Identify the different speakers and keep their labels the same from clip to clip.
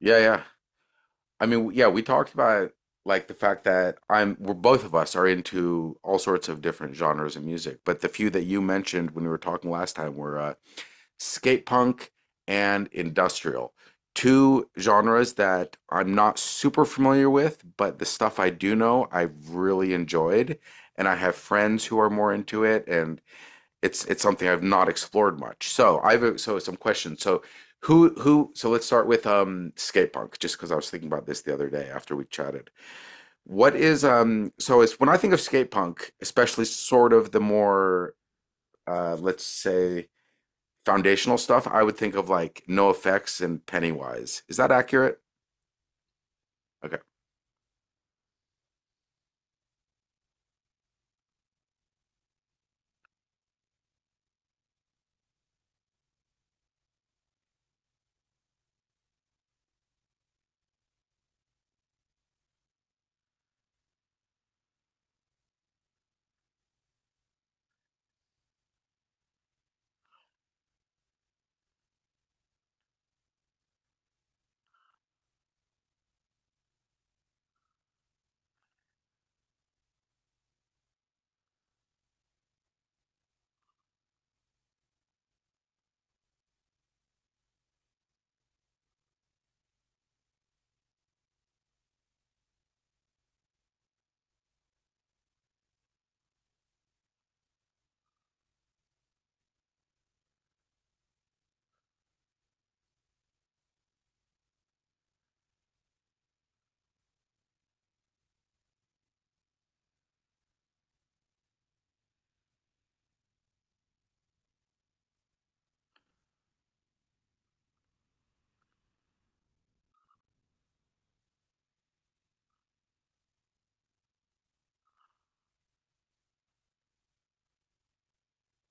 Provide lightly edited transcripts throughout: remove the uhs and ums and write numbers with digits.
Speaker 1: Yeah, yeah. I mean, yeah, we talked about like the fact that I'm we're both of us are into all sorts of different genres of music, but the few that you mentioned when we were talking last time were skate punk and industrial. Two genres that I'm not super familiar with, but the stuff I do know, I've really enjoyed, and I have friends who are more into it, and it's something I've not explored much. So I've so some questions. So who so let's start with skate punk just because I was thinking about this the other day after we chatted. What is so it's when I think of skate punk, especially sort of the more let's say foundational stuff, I would think of like No Effects and Pennywise. Is that accurate? Okay.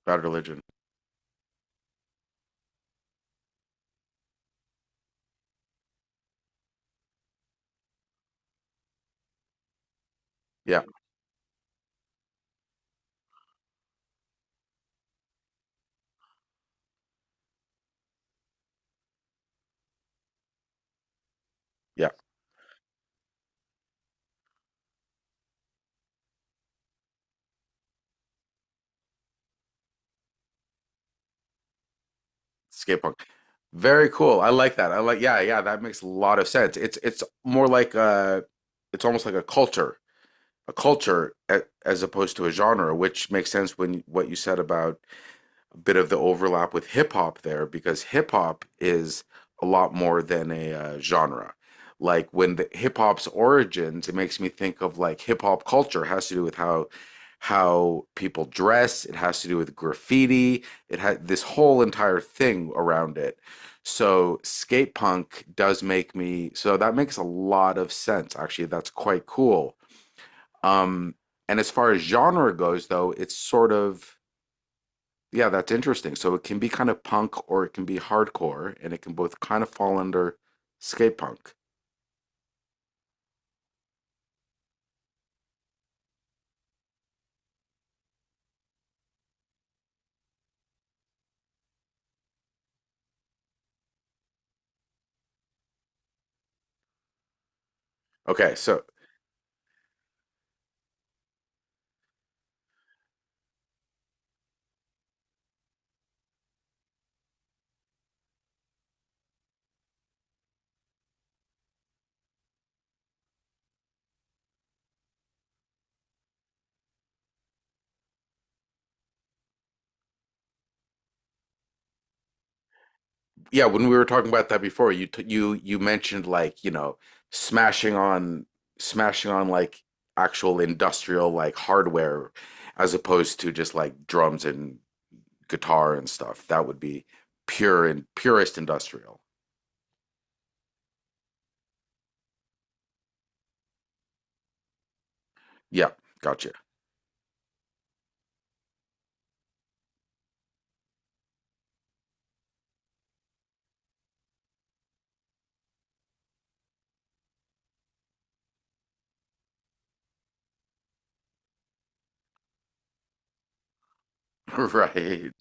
Speaker 1: Bad Religion. Yeah, yeah. Skate punk. Very cool. I like that. I like yeah, yeah, that makes a lot of sense. It's more like it's almost like a culture as opposed to a genre, which makes sense when what you said about a bit of the overlap with hip hop there, because hip hop is a lot more than a genre. Like when the hip hop's origins, it makes me think of like hip hop culture has to do with how people dress, it has to do with graffiti, it had this whole entire thing around it. So skate punk does make me, so that makes a lot of sense. Actually, that's quite cool, um, and as far as genre goes, though, it's sort of yeah, that's interesting. So it can be kind of punk or it can be hardcore, and it can both kind of fall under skate punk. Okay, so yeah, when we were talking about that before, you mentioned like you know smashing on smashing on like actual industrial like hardware as opposed to just like drums and guitar and stuff. That would be pure and purest industrial. Yeah, gotcha. Right.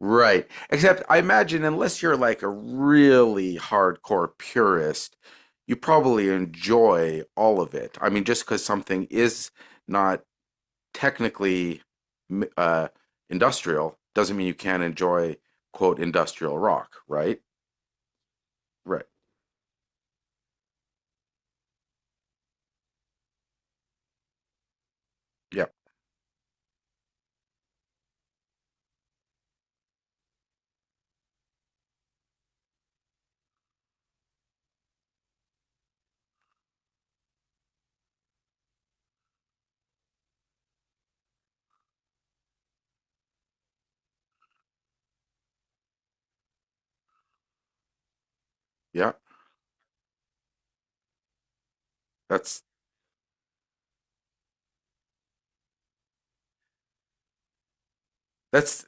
Speaker 1: Right. Except I imagine unless you're like a really hardcore purist, you probably enjoy all of it. I mean, just because something is not technically m- uh, industrial doesn't mean you can't enjoy quote industrial rock, right? Right. Yeah. Yeah. That's that's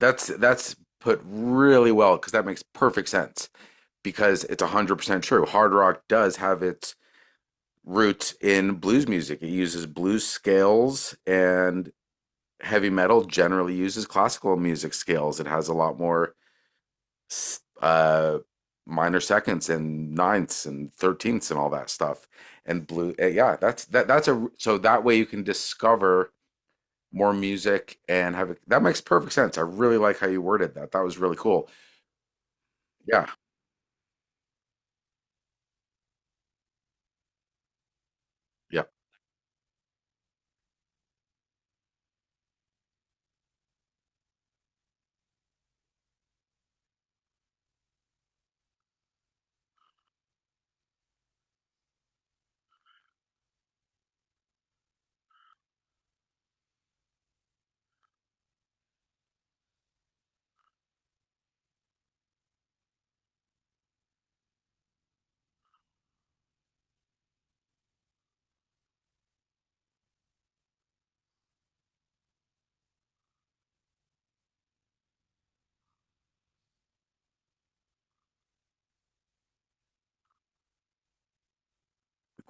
Speaker 1: that's put really well because that makes perfect sense because it's 100% true. Hard rock does have its roots in blues music. It uses blues scales, and heavy metal generally uses classical music scales. It has a lot more uh, minor seconds and ninths and thirteenths and all that stuff. And blue, yeah, that's that. That's a so that way you can discover more music and have it. That makes perfect sense. I really like how you worded that. That was really cool. Yeah, yeah.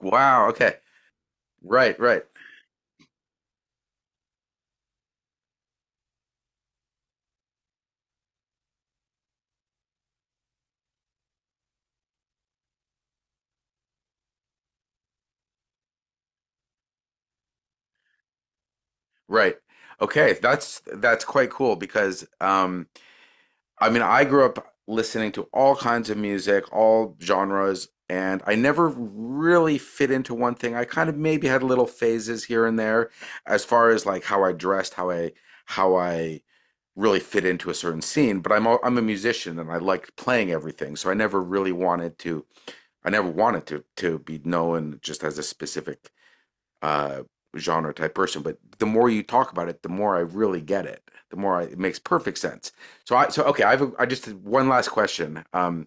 Speaker 1: Wow. Okay. Right. Right. Right. Okay. That's quite cool because I mean, I grew up listening to all kinds of music, all genres, and I never really fit into one thing. I kind of maybe had little phases here and there as far as like how I dressed, how I really fit into a certain scene, but I'm a musician and I liked playing everything. So I never really wanted to I never wanted to be known just as a specific uh, genre type person. But the more you talk about it, the more I really get it. The more I, it makes perfect sense. So I so okay. I just did one last question,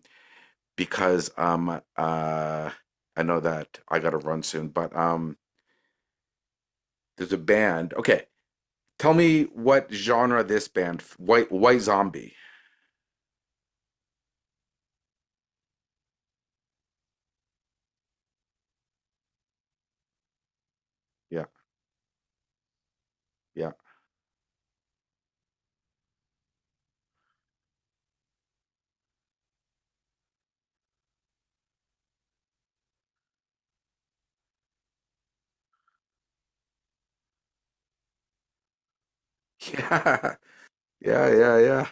Speaker 1: because I know that I got to run soon, but there's a band. Okay, tell me what genre this band white zombie. Yeah, yeah, yeah, yeah, yeah, yeah.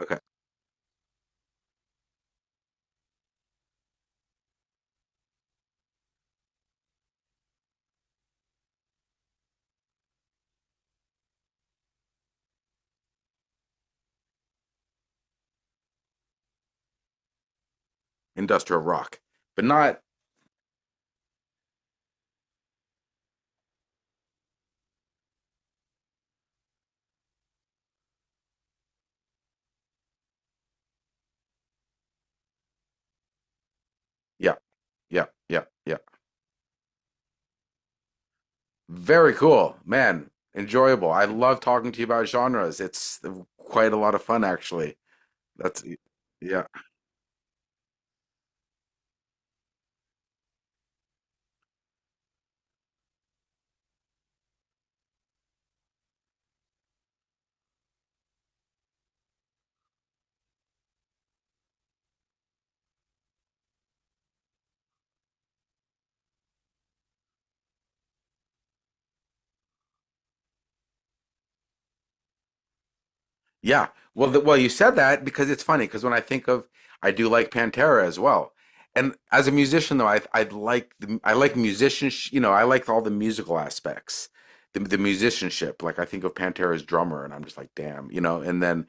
Speaker 1: Okay, industrial rock, but not. Yeah, yeah, yeah, yeah. Very cool, man. Enjoyable. I love talking to you about genres. It's quite a lot of fun, actually. That's yeah, yeah. Well, the, well, you said that because it's funny. Because when I think of, I do like Pantera as well. And as a musician, though, I like the, I like musicians. You know, I like all the musical aspects, the musicianship. Like I think of Pantera's drummer, and I'm just like, damn, you know. And then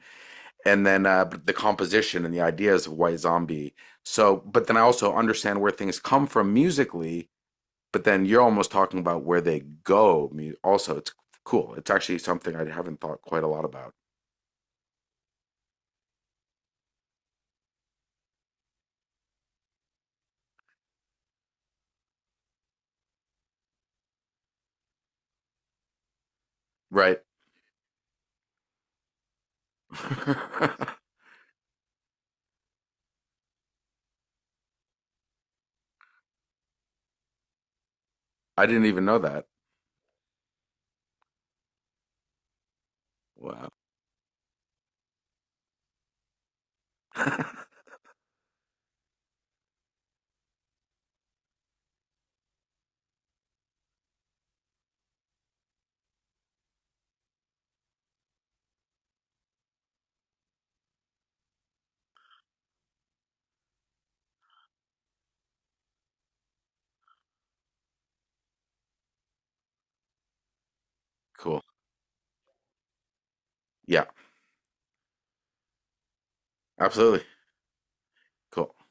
Speaker 1: but the composition and the ideas of White Zombie. So, but then I also understand where things come from musically but then you're almost talking about where they go. I mean, also, it's cool. It's actually something I haven't thought quite a lot about. Right. I didn't even know that. Wow. Cool. Yeah, absolutely. Cool.